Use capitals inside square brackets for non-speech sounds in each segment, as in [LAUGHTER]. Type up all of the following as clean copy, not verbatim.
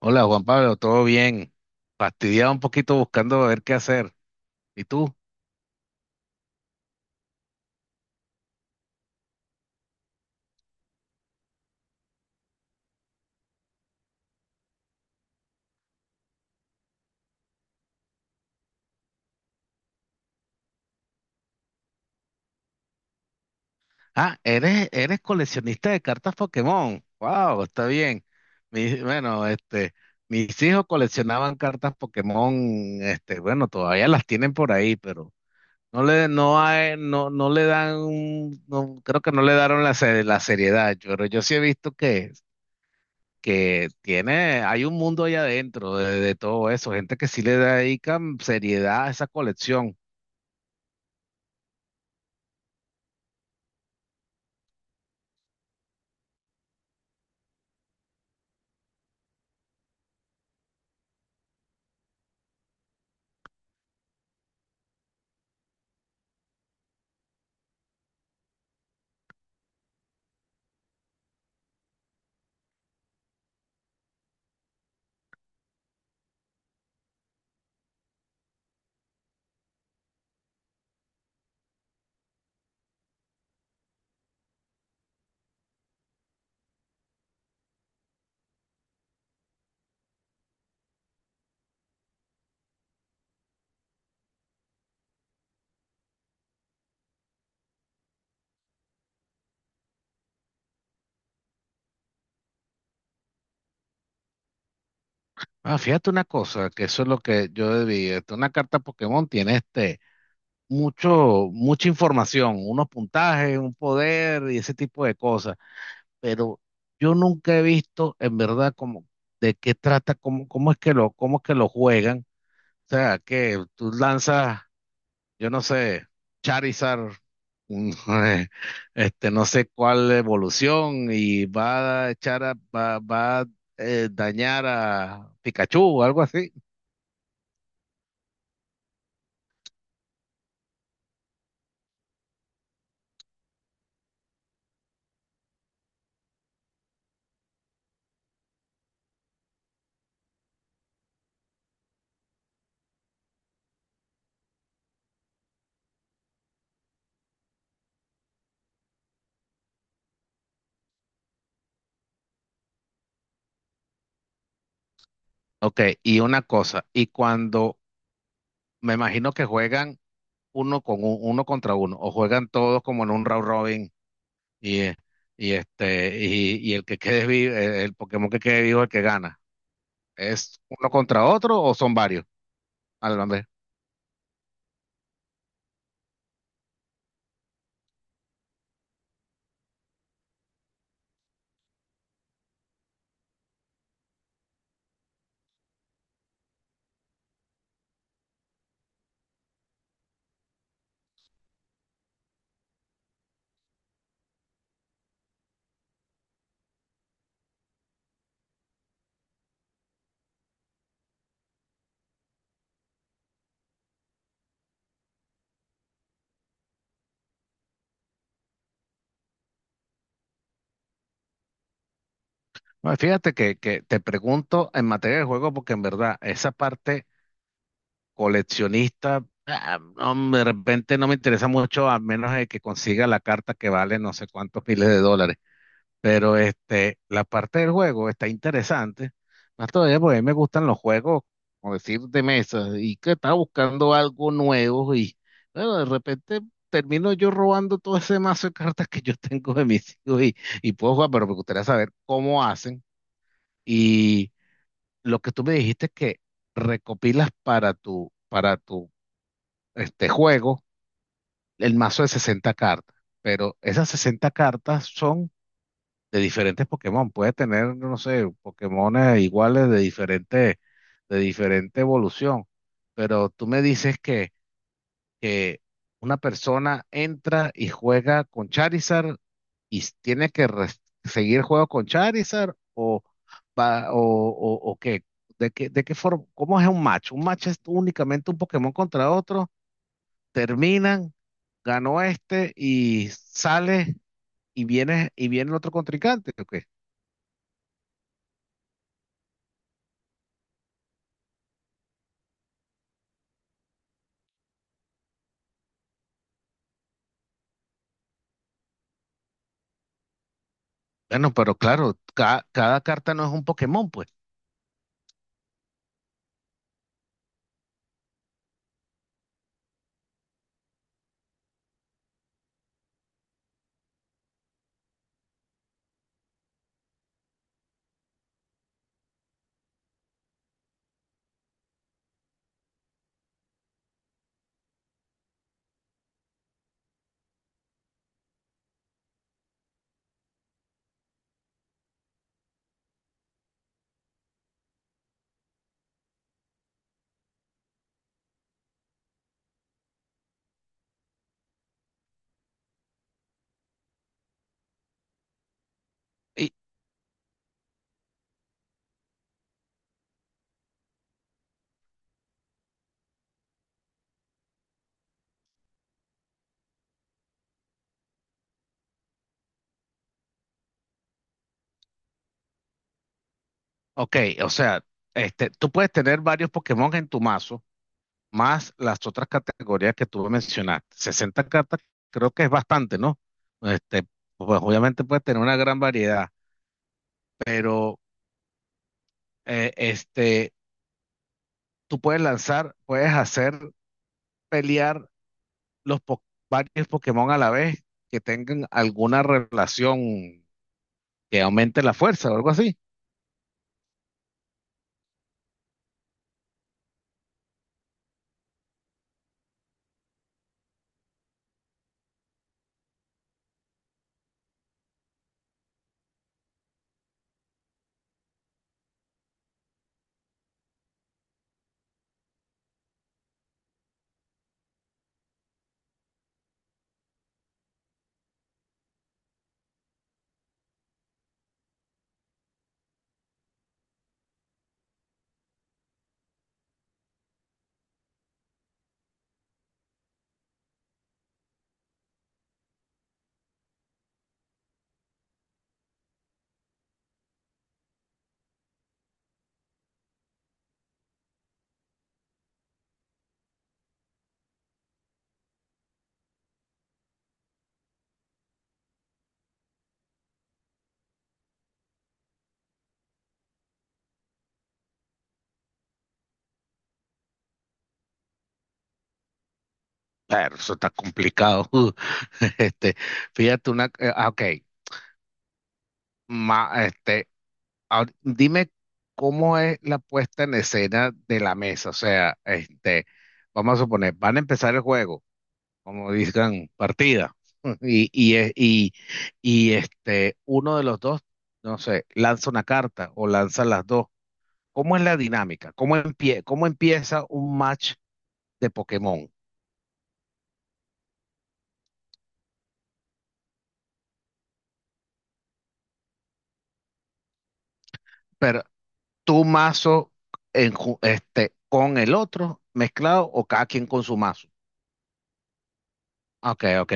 Hola Juan Pablo, ¿todo bien? Fastidiado un poquito buscando ver qué hacer. ¿Y tú? Ah, eres coleccionista de cartas Pokémon. Wow, está bien. Bueno, mis hijos coleccionaban cartas Pokémon, bueno, todavía las tienen por ahí, pero no le, no hay, no, no le dan, no, creo que no le daron la, la seriedad. Pero yo sí he visto que, hay un mundo allá adentro de todo eso, gente que sí le dedica seriedad a esa colección. Ah, fíjate una cosa, que eso es lo que yo debí. Una carta Pokémon tiene mucha información, unos puntajes, un poder y ese tipo de cosas. Pero yo nunca he visto en verdad cómo, de qué trata, cómo es cómo es que lo juegan. O sea, que tú lanzas, yo no sé, Charizard, un, [LAUGHS] no sé cuál evolución, y va a dañar a Pikachu o algo así. OK, y una cosa, y cuando me imagino que juegan uno contra uno, o juegan todos como en un round robin, y, eh, y el que quede vivo, el Pokémon que quede vivo es el que gana. ¿Es uno contra otro o son varios? A ver. Bueno, fíjate que te pregunto en materia de juego, porque en verdad esa parte coleccionista, ah, no, de repente no me interesa mucho, a menos de que consiga la carta que vale no sé cuántos miles de dólares. Pero la parte del juego está interesante. Más todavía porque a mí me gustan los juegos, como decir, de mesa, y que estaba buscando algo nuevo y bueno, de repente termino yo robando todo ese mazo de cartas que yo [LAUGHS] tengo de mis hijos y puedo jugar, pero me gustaría saber cómo hacen. Y lo que tú me dijiste es que recopilas para tu juego el mazo de 60 cartas, pero esas 60 cartas son de diferentes Pokémon. Puedes tener, no sé, Pokémones iguales de diferente, evolución. Pero tú me dices que una persona entra y juega con Charizard y tiene que seguir el juego con Charizard o, va- o qué. ¿De qué, de qué forma? ¿Cómo es un match? Un match es únicamente un Pokémon contra otro. Terminan, ganó este y sale y viene el otro contrincante. ¿OK? Bueno, pero claro, cada carta no es un Pokémon, pues. Y, OK, o sea, tú puedes tener varios Pokémon en tu mazo, más las otras categorías que tú mencionaste. 60 cartas creo que es bastante, ¿no? Este, pues obviamente puedes tener una gran variedad, pero eh, este, tú puedes lanzar, puedes hacer pelear los po- varios Pokémon a la vez que tengan alguna relación que aumente la fuerza o algo así. Pero eso está complicado. [LAUGHS] Este, fíjate una, ah, ok, ma- este, dime cómo es la puesta en escena de la mesa. O sea, vamos a suponer, van a empezar el juego, como dicen, partida. [LAUGHS] Y, y, eh, y, uno de los dos, no sé, lanza una carta o lanza las dos. ¿Cómo es la dinámica? Cómo empieza un match de Pokémon? ¿Tu mazo con el otro mezclado o cada quien con su mazo? OK, OK,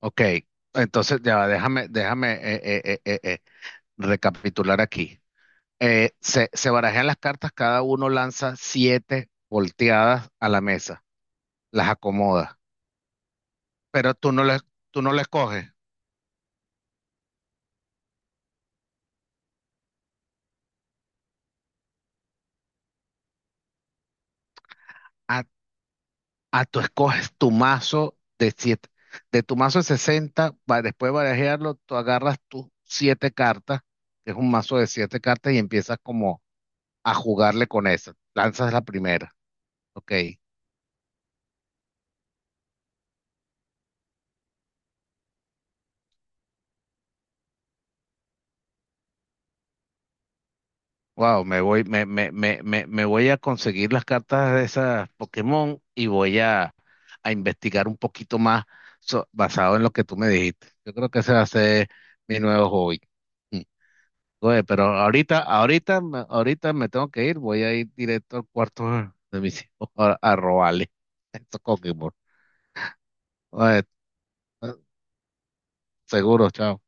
OK. Entonces, ya, va, déjame recapitular aquí. Se barajan las cartas, cada uno lanza siete volteadas a la mesa, las acomoda, pero tú no les, tú no les coges. Ah, Ah, tú escoges tu mazo de siete, de tu mazo de 60, después de barajearlo, tú agarras tus siete cartas, que es un mazo de siete cartas, y empiezas como a jugarle con esas. Lanzas la primera. OK. Wow, me voy, me voy a conseguir las cartas de esas Pokémon y voy a investigar un poquito más basado en lo que tú me dijiste. Yo creo que ese va a ser mi nuevo hobby. Oye, pero ahorita, ahorita, ahorita me tengo que ir, voy a ir directo al cuarto de mis [LAUGHS] hijos a robarle. [LAUGHS] Esto es Coquimbo. Oye, seguro, chao.